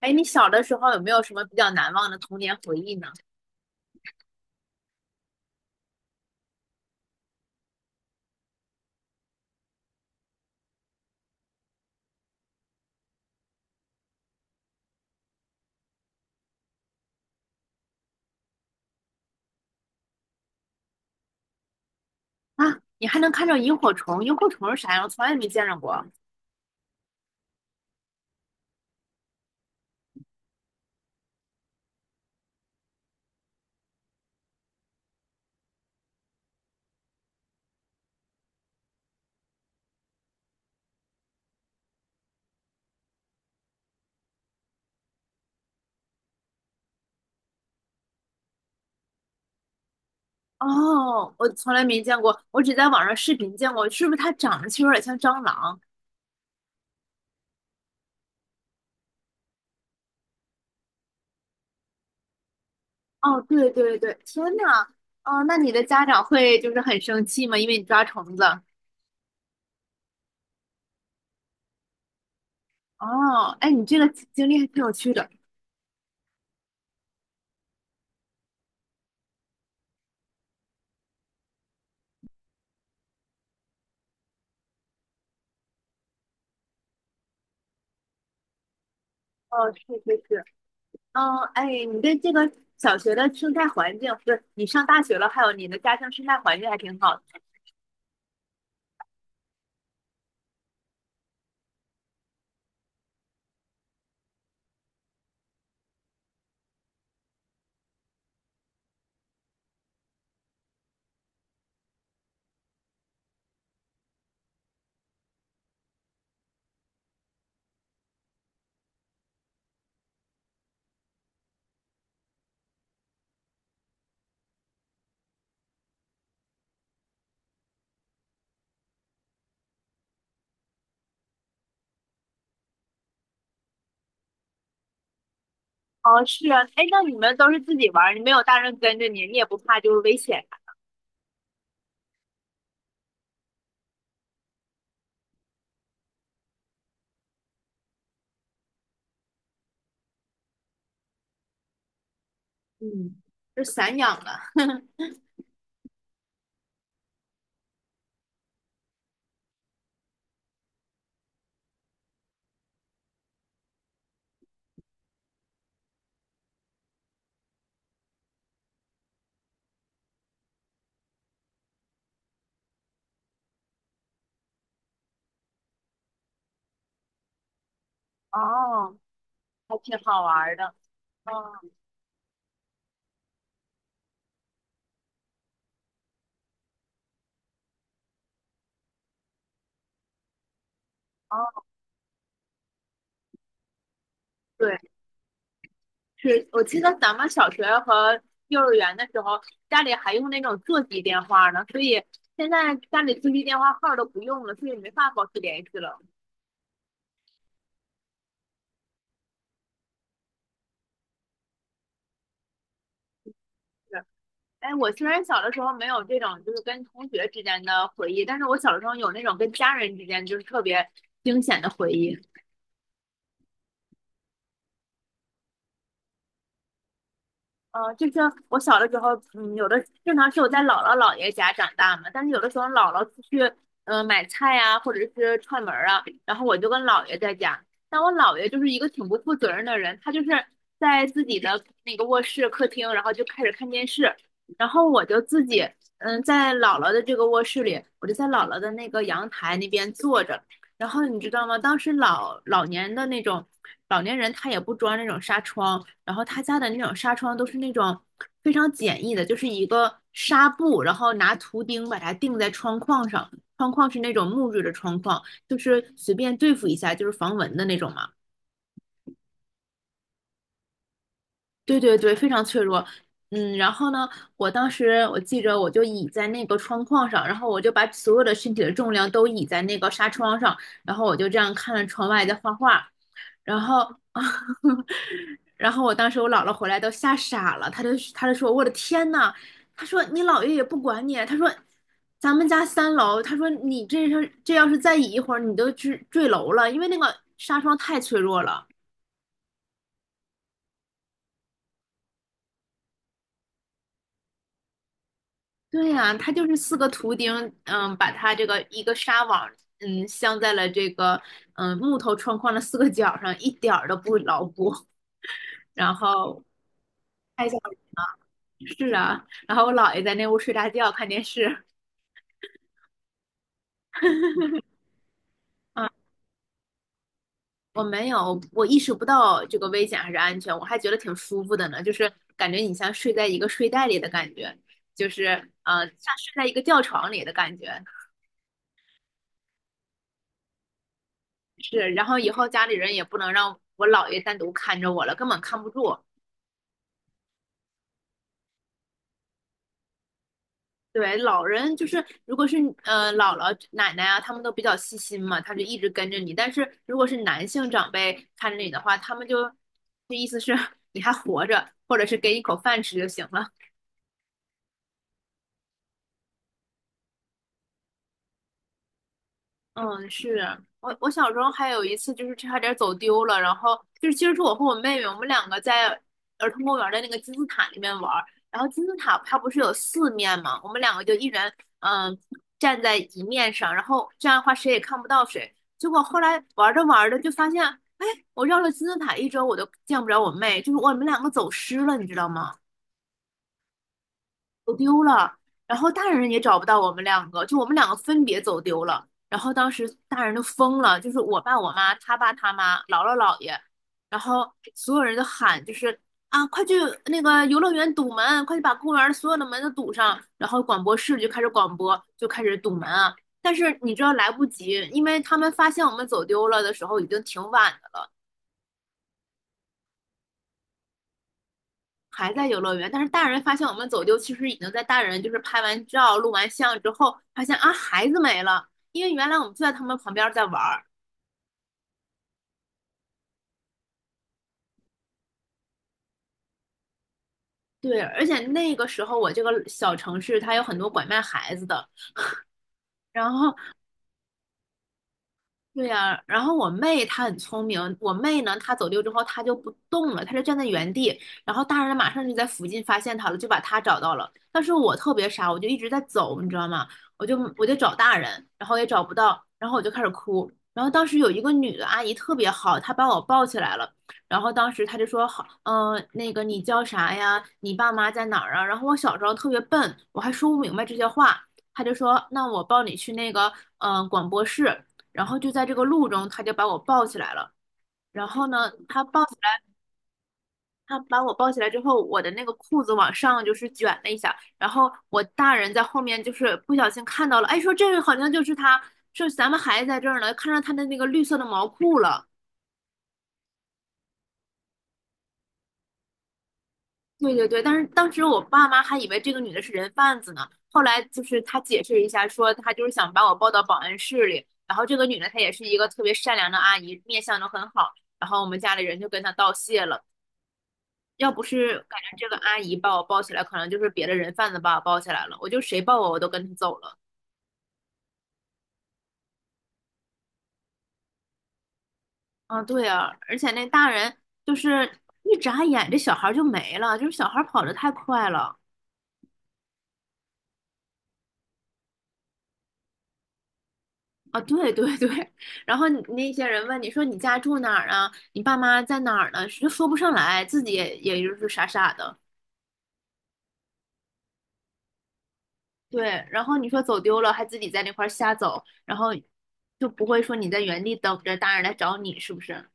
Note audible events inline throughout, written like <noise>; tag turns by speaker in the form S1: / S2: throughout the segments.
S1: 哎，你小的时候有没有什么比较难忘的童年回忆呢？啊，你还能看到萤火虫？萤火虫是啥样？我从来没见着过。哦，我从来没见过，我只在网上视频见过。是不是它长得其实有点像蟑螂？哦，对对对，天呐！哦，那你的家长会就是很生气吗？因为你抓虫子。哦，哎，你这个经历还挺有趣的。哦，是是是，嗯，哎，你对这个小学的生态环境，不是你上大学了，还有你的家乡生态环境还挺好的。哦，是啊，哎，那你们都是自己玩儿，你没有大人跟着你，你也不怕就是危险啥嗯，就散养的。<laughs> 哦，还挺好玩儿的。哦哦，对，是我记得咱们小学和幼儿园的时候，家里还用那种座机电话呢，所以现在家里座机电话号儿都不用了，所以没法保持联系了。是，哎，我虽然小的时候没有这种就是跟同学之间的回忆，但是我小的时候有那种跟家人之间就是特别惊险的回忆。就是我小的时候，嗯，有的正常是我在姥姥姥爷家长大嘛，但是有的时候姥姥出去，嗯、买菜呀、或者是串门儿啊，然后我就跟姥爷在家。但我姥爷就是一个挺不负责任的人，他就是在自己的那个卧室、客厅，然后就开始看电视，然后我就自己，嗯，在姥姥的这个卧室里，我就在姥姥的那个阳台那边坐着。然后你知道吗？当时老老年的那种老年人，他也不装那种纱窗。然后他家的那种纱窗都是那种非常简易的，就是一个纱布，然后拿图钉把它钉在窗框上，窗框是那种木质的窗框，就是随便对付一下，就是防蚊的那种嘛。对对对，非常脆弱。嗯，然后呢，我当时我记着，我就倚在那个窗框上，然后我就把所有的身体的重量都倚在那个纱窗上，然后我就这样看着窗外在画画，然后，<laughs> 然后我当时我姥姥回来都吓傻了，她就说我的天呐，她说你姥爷也不管你，她说咱们家三楼，她说你这是这要是再倚一会儿，你都坠楼了，因为那个纱窗太脆弱了。对呀，它就是四个图钉，嗯，把它这个一个纱网，嗯，镶在了这个嗯木头窗框的四个角上，一点儿都不牢固。然后看一下是啊，然后我姥爷在那屋睡大觉看电视。啊，我没有，我意识不到这个危险还是安全，我还觉得挺舒服的呢，就是感觉你像睡在一个睡袋里的感觉，就是嗯，像睡在一个吊床里的感觉。是，然后以后家里人也不能让我姥爷单独看着我了，根本看不住。对，老人就是，如果是姥姥、奶奶啊，他们都比较细心嘛，他就一直跟着你。但是如果是男性长辈看着你的话，他们就，就意思是 <laughs> 你还活着，或者是给你口饭吃就行了。嗯，是啊我小时候还有一次就是差点走丢了，然后就是其实是我和我妹妹，我们两个在儿童公园的那个金字塔里面玩儿，然后金字塔它不是有四面嘛，我们两个就一人嗯站在一面上，然后这样的话谁也看不到谁。结果后来玩着玩着就发现，哎，我绕了金字塔一周我都见不着我妹，就是我们两个走失了，你知道吗？走丢了，然后大人也找不到我们两个，就我们两个分别走丢了。然后当时大人都疯了，就是我爸、我妈、他爸、他妈、姥姥、姥爷，然后所有人都喊，就是啊，快去那个游乐园堵门，快去把公园所有的门都堵上。然后广播室就开始广播，就开始堵门啊。但是你知道来不及，因为他们发现我们走丢了的时候已经挺晚的了。还在游乐园，但是大人发现我们走丢，其实已经在大人就是拍完照、录完像之后，发现啊孩子没了，因为原来我们就在他们旁边在玩儿。对，而且那个时候我这个小城市它有很多拐卖孩子的，然后对呀，然后我妹她很聪明，我妹呢，她走丢之后她就不动了，她就站在原地，然后大人马上就在附近发现她了，就把她找到了。但是我特别傻，我就一直在走，你知道吗？我就找大人，然后也找不到，然后我就开始哭。然后当时有一个女的阿姨特别好，她把我抱起来了，然后当时她就说好，嗯、那个你叫啥呀？你爸妈在哪儿啊？然后我小时候特别笨，我还说不明白这些话，她就说那我抱你去那个嗯、广播室。然后就在这个路中，他就把我抱起来了。然后呢，他抱起来，他把我抱起来之后，我的那个裤子往上就是卷了一下，然后我大人在后面就是不小心看到了，哎，说这个好像就是他，说咱们孩子在这儿呢，看上他的那个绿色的毛裤了。对对对，但是当时我爸妈还以为这个女的是人贩子呢，后来就是他解释一下，说他就是想把我抱到保安室里，然后这个女的她也是一个特别善良的阿姨，面相都很好，然后我们家里人就跟她道谢了。要不是感觉这个阿姨把我抱起来，可能就是别的人贩子把我抱起来了。我就谁抱我，我都跟他走了。啊，对啊，而且那大人就是一眨眼，这小孩儿就没了，就是小孩儿跑的太快了。啊，对对对，然后你那些人问你说你家住哪儿啊？你爸妈在哪儿呢？就说不上来，自己也就是傻傻的。对，然后你说走丢了，还自己在那块儿瞎走，然后就不会说你在原地等着大人来找你，是不是？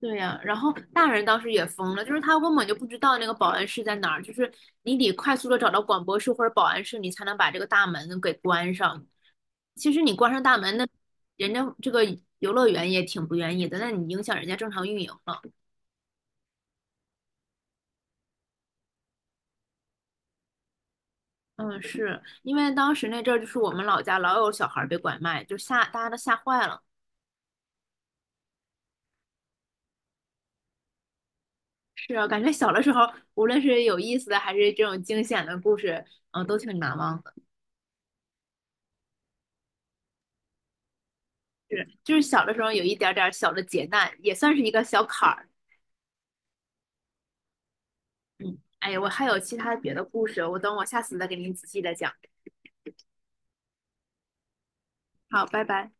S1: 对呀，然后大人当时也疯了，就是他根本就不知道那个保安室在哪儿，就是你得快速的找到广播室或者保安室，你才能把这个大门给关上。其实你关上大门，那人家这个游乐园也挺不愿意的，那你影响人家正常运营了。嗯，是因为当时那阵儿就是我们老家老有小孩儿被拐卖，就吓大家都吓坏了。是啊，感觉小的时候，无论是有意思的还是这种惊险的故事，嗯，都挺难忘的是，就是小的时候有一点点小的劫难，也算是一个小坎儿。嗯，哎呀，我还有其他别的故事，我等我下次再给您仔细的讲。好，拜拜。